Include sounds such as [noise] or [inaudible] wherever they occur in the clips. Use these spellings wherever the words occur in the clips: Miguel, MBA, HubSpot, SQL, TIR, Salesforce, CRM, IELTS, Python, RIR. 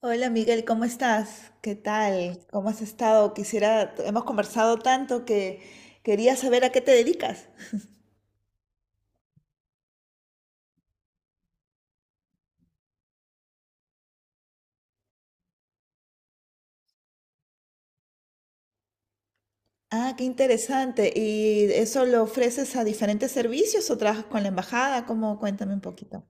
Hola Miguel, ¿cómo estás? ¿Qué tal? ¿Cómo has estado? Quisiera, hemos conversado tanto que quería saber a qué te dedicas. Ah, qué interesante. ¿Y eso lo ofreces a diferentes servicios o trabajas con la embajada? ¿Cómo? Cuéntame un poquito.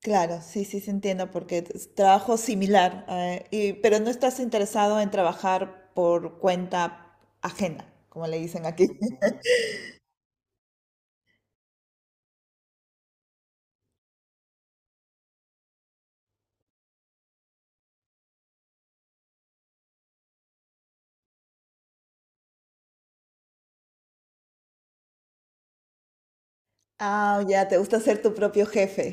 Claro, sí, sí, se entiendo, porque es trabajo similar, pero no estás interesado en trabajar por cuenta ajena, como le dicen aquí. [laughs] Ah, ya, te gusta ser tu propio jefe.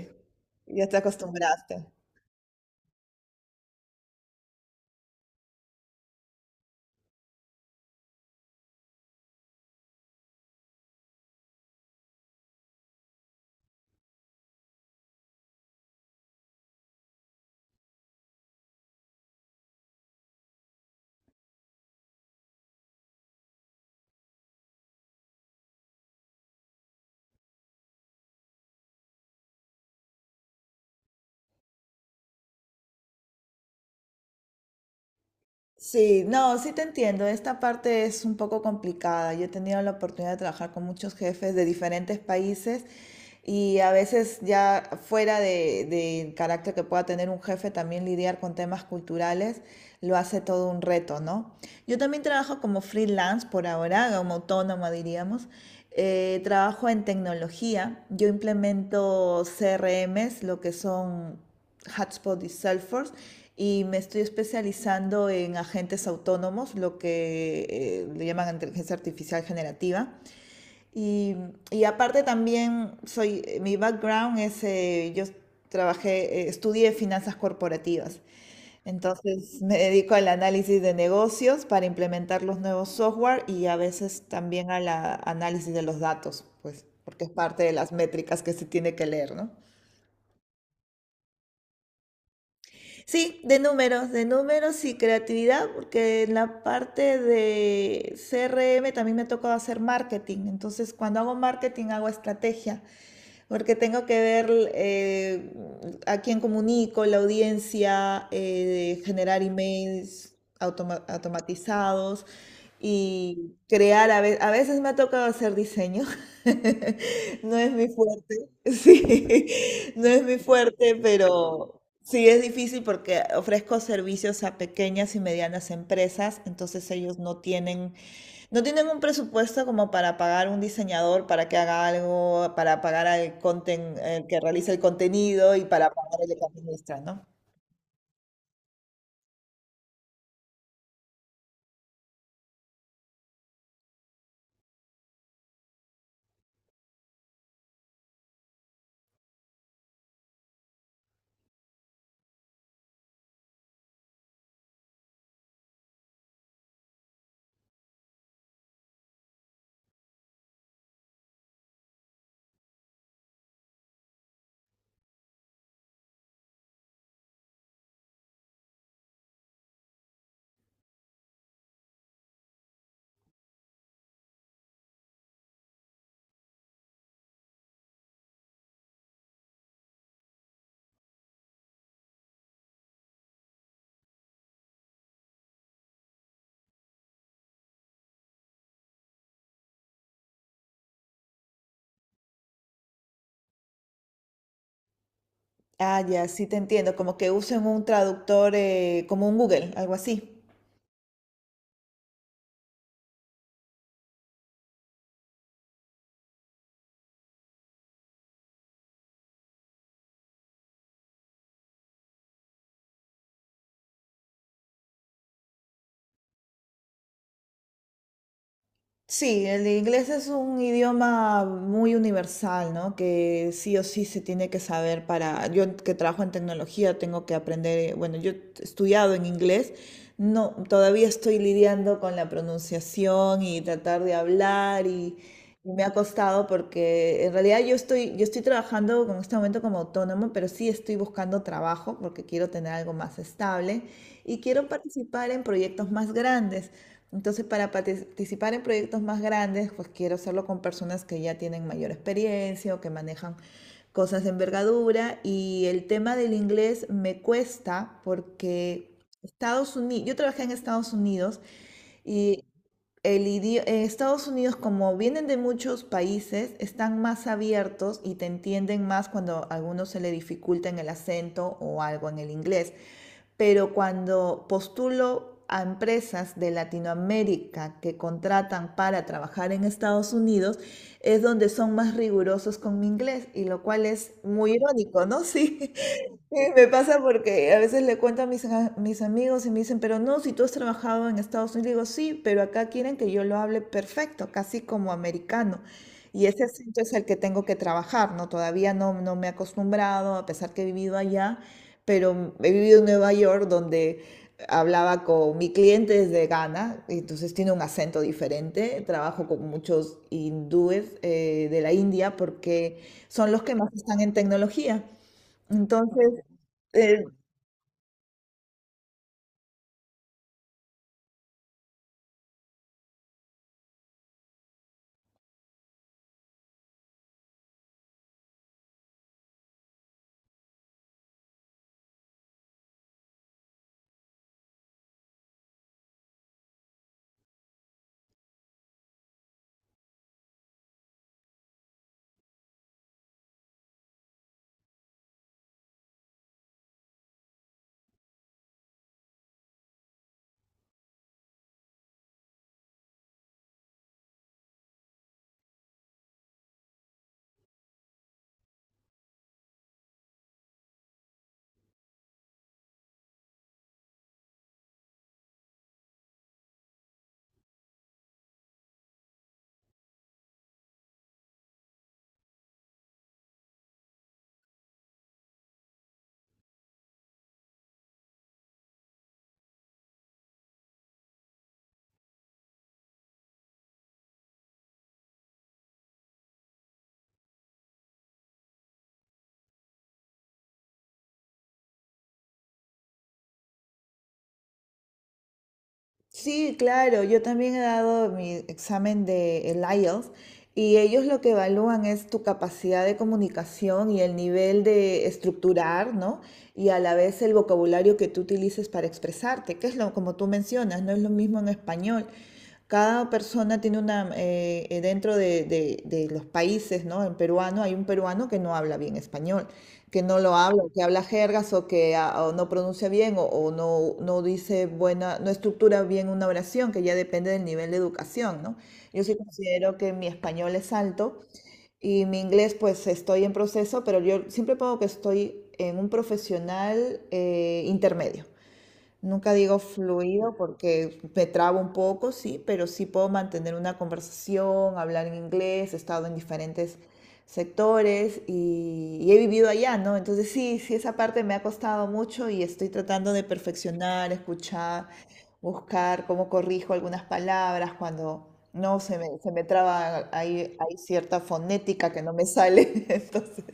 Ya te acostumbraste. Sí, no, sí te entiendo. Esta parte es un poco complicada. Yo he tenido la oportunidad de trabajar con muchos jefes de diferentes países y a veces ya fuera de, del carácter que pueda tener un jefe, también lidiar con temas culturales lo hace todo un reto, ¿no? Yo también trabajo como freelance por ahora, como autónoma diríamos. Trabajo en tecnología. Yo implemento CRMs, lo que son Hotspot y Salesforce y me estoy especializando en agentes autónomos, lo que le llaman inteligencia artificial generativa. Y, y aparte también soy, mi background es, yo trabajé, estudié finanzas corporativas. Entonces me dedico al análisis de negocios para implementar los nuevos software y a veces también al análisis de los datos, pues, porque es parte de las métricas que se tiene que leer, ¿no? Sí, de números y creatividad, porque en la parte de CRM también me ha tocado hacer marketing. Entonces, cuando hago marketing, hago estrategia porque tengo que ver a quién comunico, la audiencia, generar emails automatizados y crear, a veces me ha tocado hacer diseño, [laughs] no es mi fuerte, [laughs] sí, no es mi fuerte, pero sí es difícil porque ofrezco servicios a pequeñas y medianas empresas, entonces ellos no tienen un presupuesto como para pagar un diseñador para que haga algo, para pagar al el que realiza el contenido y para pagar al que administra, ¿no? Ah, ya, sí te entiendo. Como que usen un traductor, como un Google, algo así. Sí, el inglés es un idioma muy universal, ¿no? Que sí o sí se tiene que saber para... Yo que trabajo en tecnología tengo que aprender, bueno, yo he estudiado en inglés, no, todavía estoy lidiando con la pronunciación y tratar de hablar y me ha costado porque en realidad yo estoy trabajando en este momento como autónomo, pero sí estoy buscando trabajo porque quiero tener algo más estable y quiero participar en proyectos más grandes. Entonces, para participar en proyectos más grandes, pues quiero hacerlo con personas que ya tienen mayor experiencia o que manejan cosas de envergadura. Y el tema del inglés me cuesta porque Estados Unidos, yo trabajé en Estados Unidos. Y Estados Unidos, como vienen de muchos países, están más abiertos y te entienden más cuando a algunos se le dificulta en el acento o algo en el inglés. Pero cuando postulo a empresas de Latinoamérica que contratan para trabajar en Estados Unidos, es donde son más rigurosos con mi inglés, y lo cual es muy irónico, ¿no? [laughs] Sí, sí, me pasa porque a veces le cuento a mis amigos y me dicen, pero no, si tú has trabajado en Estados Unidos, digo, sí, pero acá quieren que yo lo hable perfecto, casi como americano. Y ese acento es el que tengo que trabajar, ¿no? Todavía no me he acostumbrado, a pesar que he vivido allá, pero he vivido en Nueva York donde hablaba con mi cliente desde Ghana, y entonces tiene un acento diferente. Trabajo con muchos hindúes de la India porque son los que más están en tecnología. Entonces, eh, sí, claro, yo también he dado mi examen de el IELTS y ellos lo que evalúan es tu capacidad de comunicación y el nivel de estructurar, ¿no? Y a la vez el vocabulario que tú utilices para expresarte, que es lo como tú mencionas, no es lo mismo en español. Cada persona tiene una, dentro de, de los países, ¿no? En peruano hay un peruano que no habla bien español, que no lo habla, que habla jergas o que ah, o no pronuncia bien o, no dice buena, no estructura bien una oración, que ya depende del nivel de educación, ¿no? Yo sí considero que mi español es alto y mi inglés pues estoy en proceso, pero yo siempre pongo que estoy en un profesional intermedio. Nunca digo fluido porque me trabo un poco, sí, pero sí puedo mantener una conversación, hablar en inglés, he estado en diferentes sectores y he vivido allá, ¿no? Entonces sí, sí, esa parte me ha costado mucho y estoy tratando de perfeccionar, escuchar, buscar cómo corrijo algunas palabras cuando no se me, se me traba ahí, hay cierta fonética que no me sale, [laughs] entonces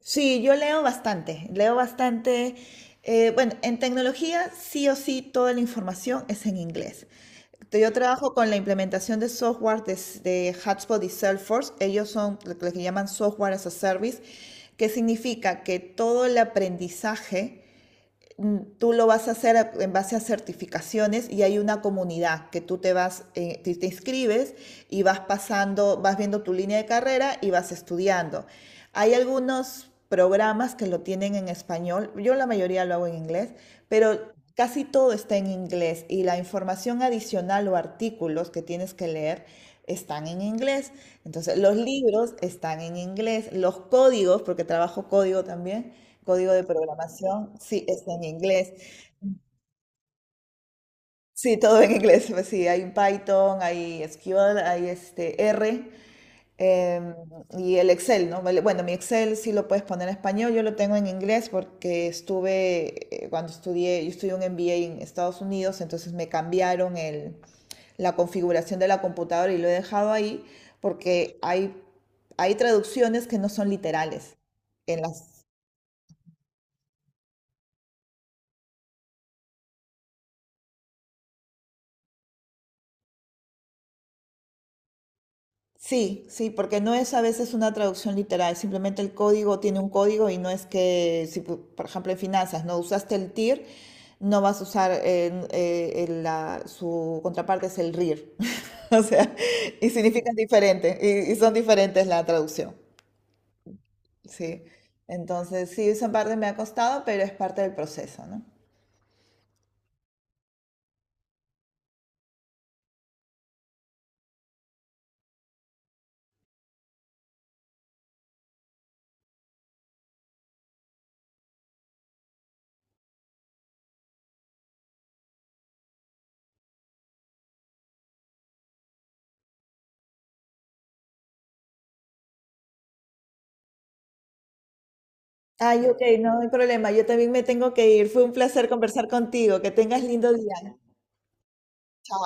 sí, yo leo bastante, leo bastante. Bueno, en tecnología sí o sí toda la información es en inglés. Yo trabajo con la implementación de software de HubSpot y Salesforce. Ellos son lo que llaman software as a service, que significa que todo el aprendizaje tú lo vas a hacer en base a certificaciones y hay una comunidad que tú te vas, te, te inscribes y vas pasando, vas viendo tu línea de carrera y vas estudiando. Hay algunos programas que lo tienen en español, yo la mayoría lo hago en inglés, pero casi todo está en inglés y la información adicional o artículos que tienes que leer están en inglés. Entonces, los libros están en inglés, los códigos, porque trabajo código también, código de programación, sí, está en inglés. Sí, todo en inglés. Pues sí, hay un Python, hay SQL, hay este R em, y el Excel, ¿no? Vale, bueno, mi Excel sí lo puedes poner en español, yo lo tengo en inglés porque estuve, cuando estudié, yo estudié un MBA en Estados Unidos, entonces me cambiaron la configuración de la computadora y lo he dejado ahí porque hay traducciones que no son literales en las. Sí, sí, porque no es a veces una traducción literal, simplemente el código tiene un código y no es que, si por ejemplo en finanzas no usaste el TIR, no vas a usar, su contraparte es el RIR, [laughs] o sea, y significan diferente, y son diferentes la traducción, sí. Entonces, sí, esa parte me ha costado, pero es parte del proceso, ¿no? Ay, ok, no hay problema, yo también me tengo que ir, fue un placer conversar contigo, que tengas lindo día. Chao.